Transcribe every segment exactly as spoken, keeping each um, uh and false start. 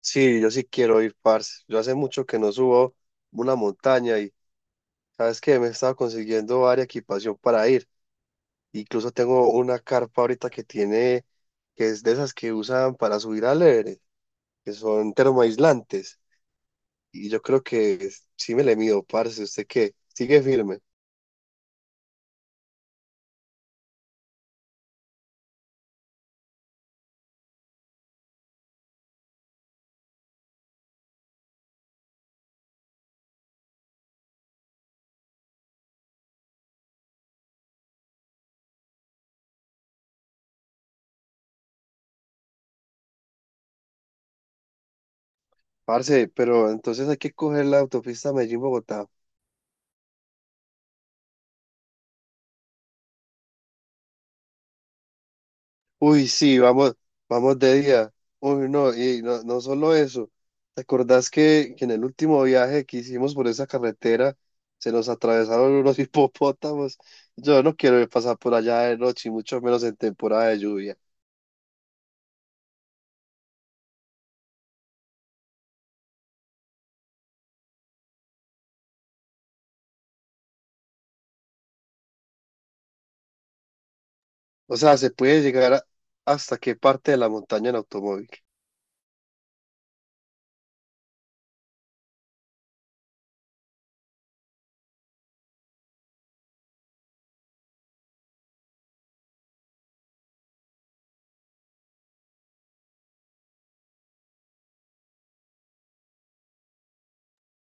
Sí, yo sí quiero ir, parce. Yo hace mucho que no subo una montaña y sabes que me he estado consiguiendo varia equipación para ir. Incluso tengo una carpa ahorita que tiene, que es de esas que usan para subir al Everest, que son termoaislantes. Y yo creo que es- sí me le mido, parce. ¿Usted qué? Sigue firme. Parce, pero entonces hay que coger la autopista Medellín-Bogotá. Uy, sí, vamos, vamos de día. Uy, no, y no, no solo eso. ¿Te acordás que, que en el último viaje que hicimos por esa carretera se nos atravesaron unos hipopótamos? Yo no quiero pasar por allá de noche, y mucho menos en temporada de lluvia. O sea, se puede llegar a- hasta qué parte de la montaña en automóvil.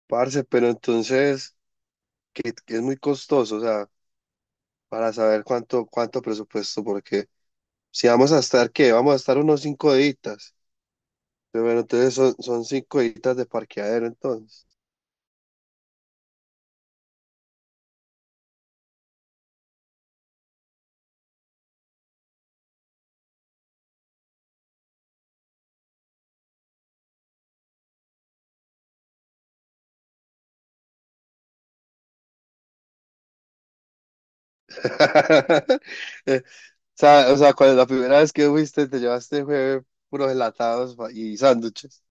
Parce, pero entonces, que, que es muy costoso, o sea, para saber cuánto, cuánto presupuesto, porque si vamos a estar, ¿qué? Vamos a estar unos cinco días. Pero bueno, entonces son, son cinco editas de parqueadero, entonces. Eh, O sea, o sea, cuando la primera vez que fuiste, te llevaste fue puros gelatados pa- y sándwiches.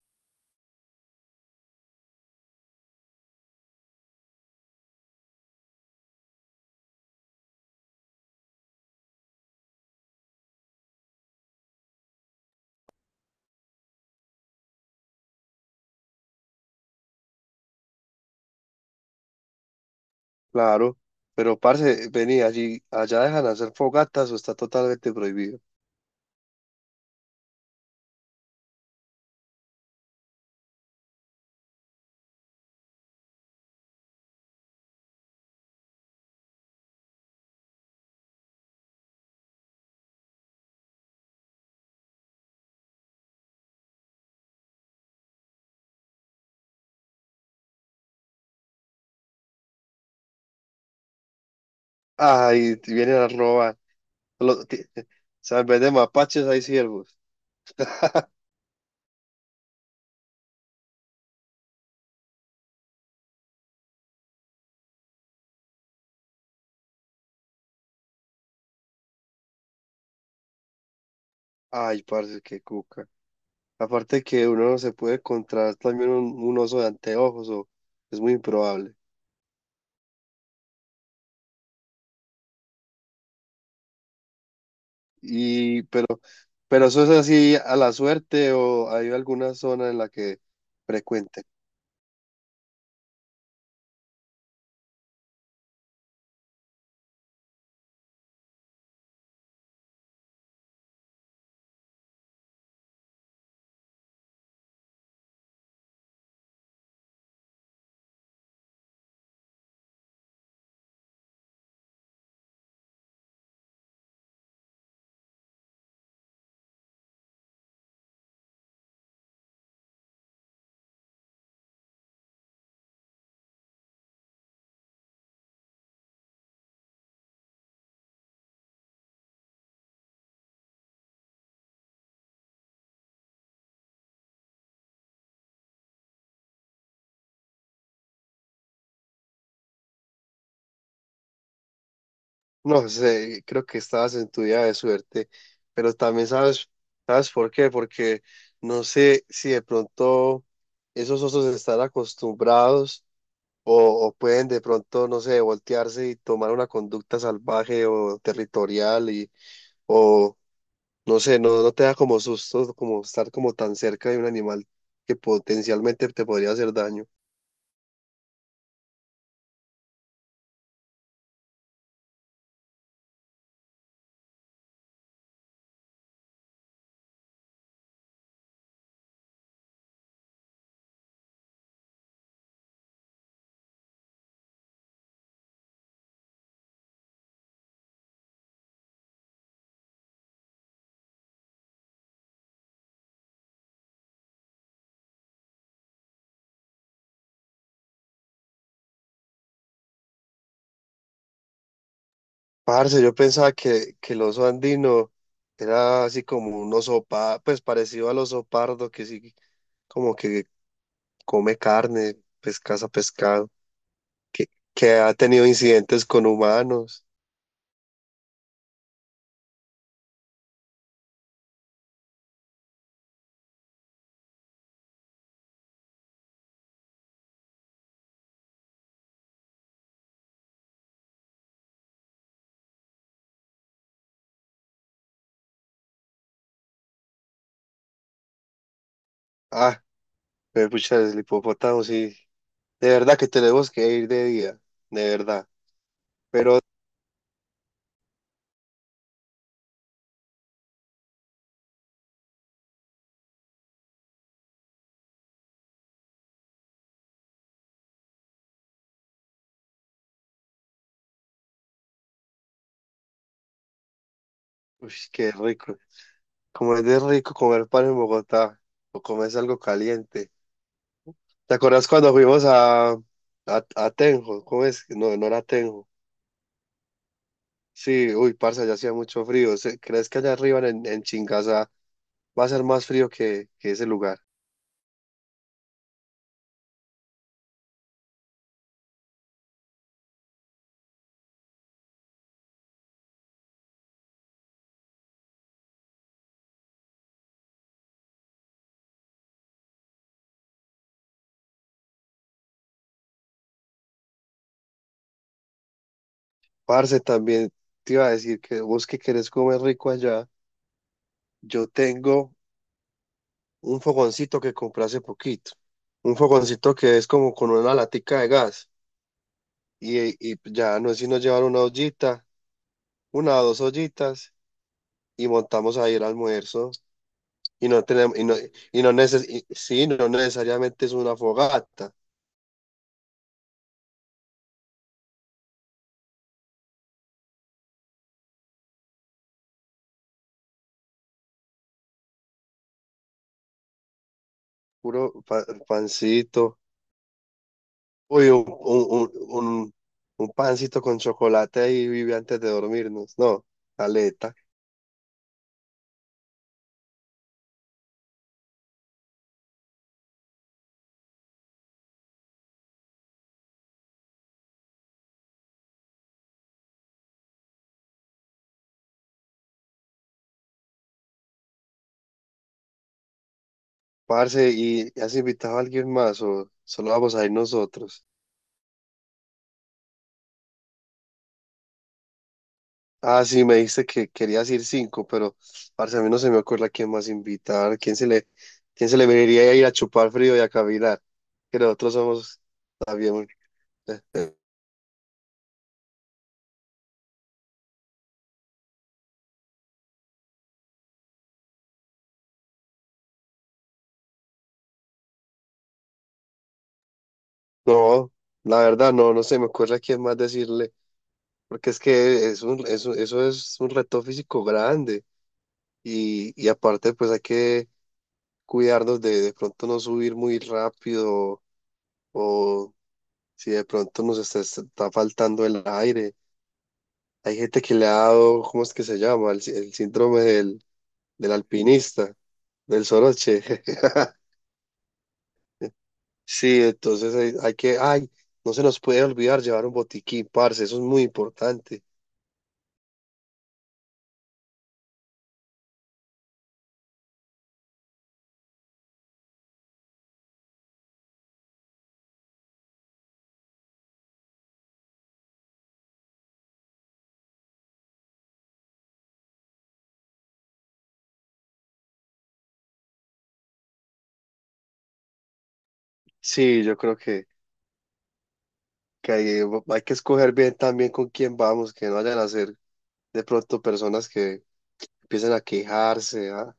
Claro. Pero, parce, vení, allí, allá dejan hacer fogatas o está totalmente prohibido. Ay, te vienen a robar. Lo- ti- o sea, en vez de mapaches hay ciervos. Ay, parce, qué cuca. Aparte que uno no se puede encontrar también un, un oso de anteojos, o es muy improbable. Y, pero, pero eso es así a la suerte o hay alguna zona en la que frecuente. No sé, creo que estabas en tu día de suerte, pero también sabes, ¿sabes por qué? Porque no sé si de pronto esos osos están acostumbrados o, o pueden de pronto, no sé, voltearse y tomar una conducta salvaje o territorial y, o no sé, no, no te da como susto como estar como tan cerca de un animal que potencialmente te podría hacer daño. Parce, yo pensaba que, que el oso andino era así como un oso, pa- pues parecido al oso pardo, que sí, como que come carne, pescaza pescado, que, que ha tenido incidentes con humanos. Ah, me pucha, el hipopótamo, sí. De verdad que tenemos que ir de día, de verdad. Pero, uy, qué rico. Como es de rico comer pan en Bogotá, o comes algo caliente. ¿Te acuerdas cuando fuimos a, a, a Tenjo? ¿Cómo es? No, no era Tenjo. Sí, uy, parce, allá hacía mucho frío. Se- ¿Crees que allá arriba en, en Chingaza va a ser más frío que, que ese lugar? Parce, también te iba a decir que vos que querés comer rico allá, yo tengo un fogoncito que compré hace poquito. Un fogoncito que es como con una latica de gas. Y, y ya no es sino llevar una ollita, una o dos ollitas, y montamos ahí el almuerzo. Y no tenemos, y no, y no neces- y- sí, no necesariamente es una fogata, puro pa- pancito. Uy, un, un, un, un- un pancito con chocolate ahí vive antes de dormirnos. No, aleta. Parce, ¿y has invitado a alguien más o solo vamos a ir nosotros? Ah, sí, me dijiste que querías ir cinco, pero parce, a mí no se me ocurre a quién más invitar. ¿Quién se le, quién se le vería ir a chupar frío y a cavilar? Que nosotros somos también. eh, No, la verdad, no, no se me ocurre a quién más decirle, porque es que es un, eso, eso es un reto físico grande. Y, y aparte, pues hay que cuidarnos de de pronto no subir muy rápido o si de pronto nos está, está faltando el aire. Hay gente que le ha dado, ¿cómo es que se llama? El, sí- el síndrome del, del alpinista, del soroche. Sí, entonces hay, hay que, ay, no se nos puede olvidar llevar un botiquín, parce, eso es muy importante. Sí, yo creo que, que hay, hay que escoger bien también con quién vamos, que no vayan a ser de pronto personas que empiecen a quejarse, ¿ah?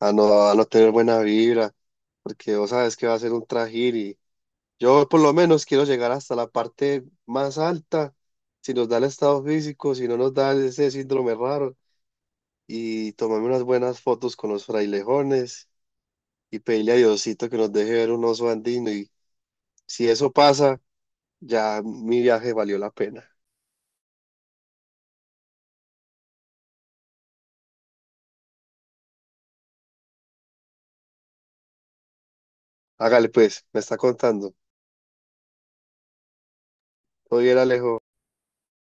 a no, a no tener buena vibra, porque vos sabes que va a ser un trajín y yo por lo menos quiero llegar hasta la parte más alta, si nos da el estado físico, si no nos da ese síndrome raro, y tomarme unas buenas fotos con los frailejones y pedirle a Diosito que nos deje ver un oso andino y si eso pasa, ya mi viaje valió la pena. Hágale pues, me está contando. Todo bien, Alejo.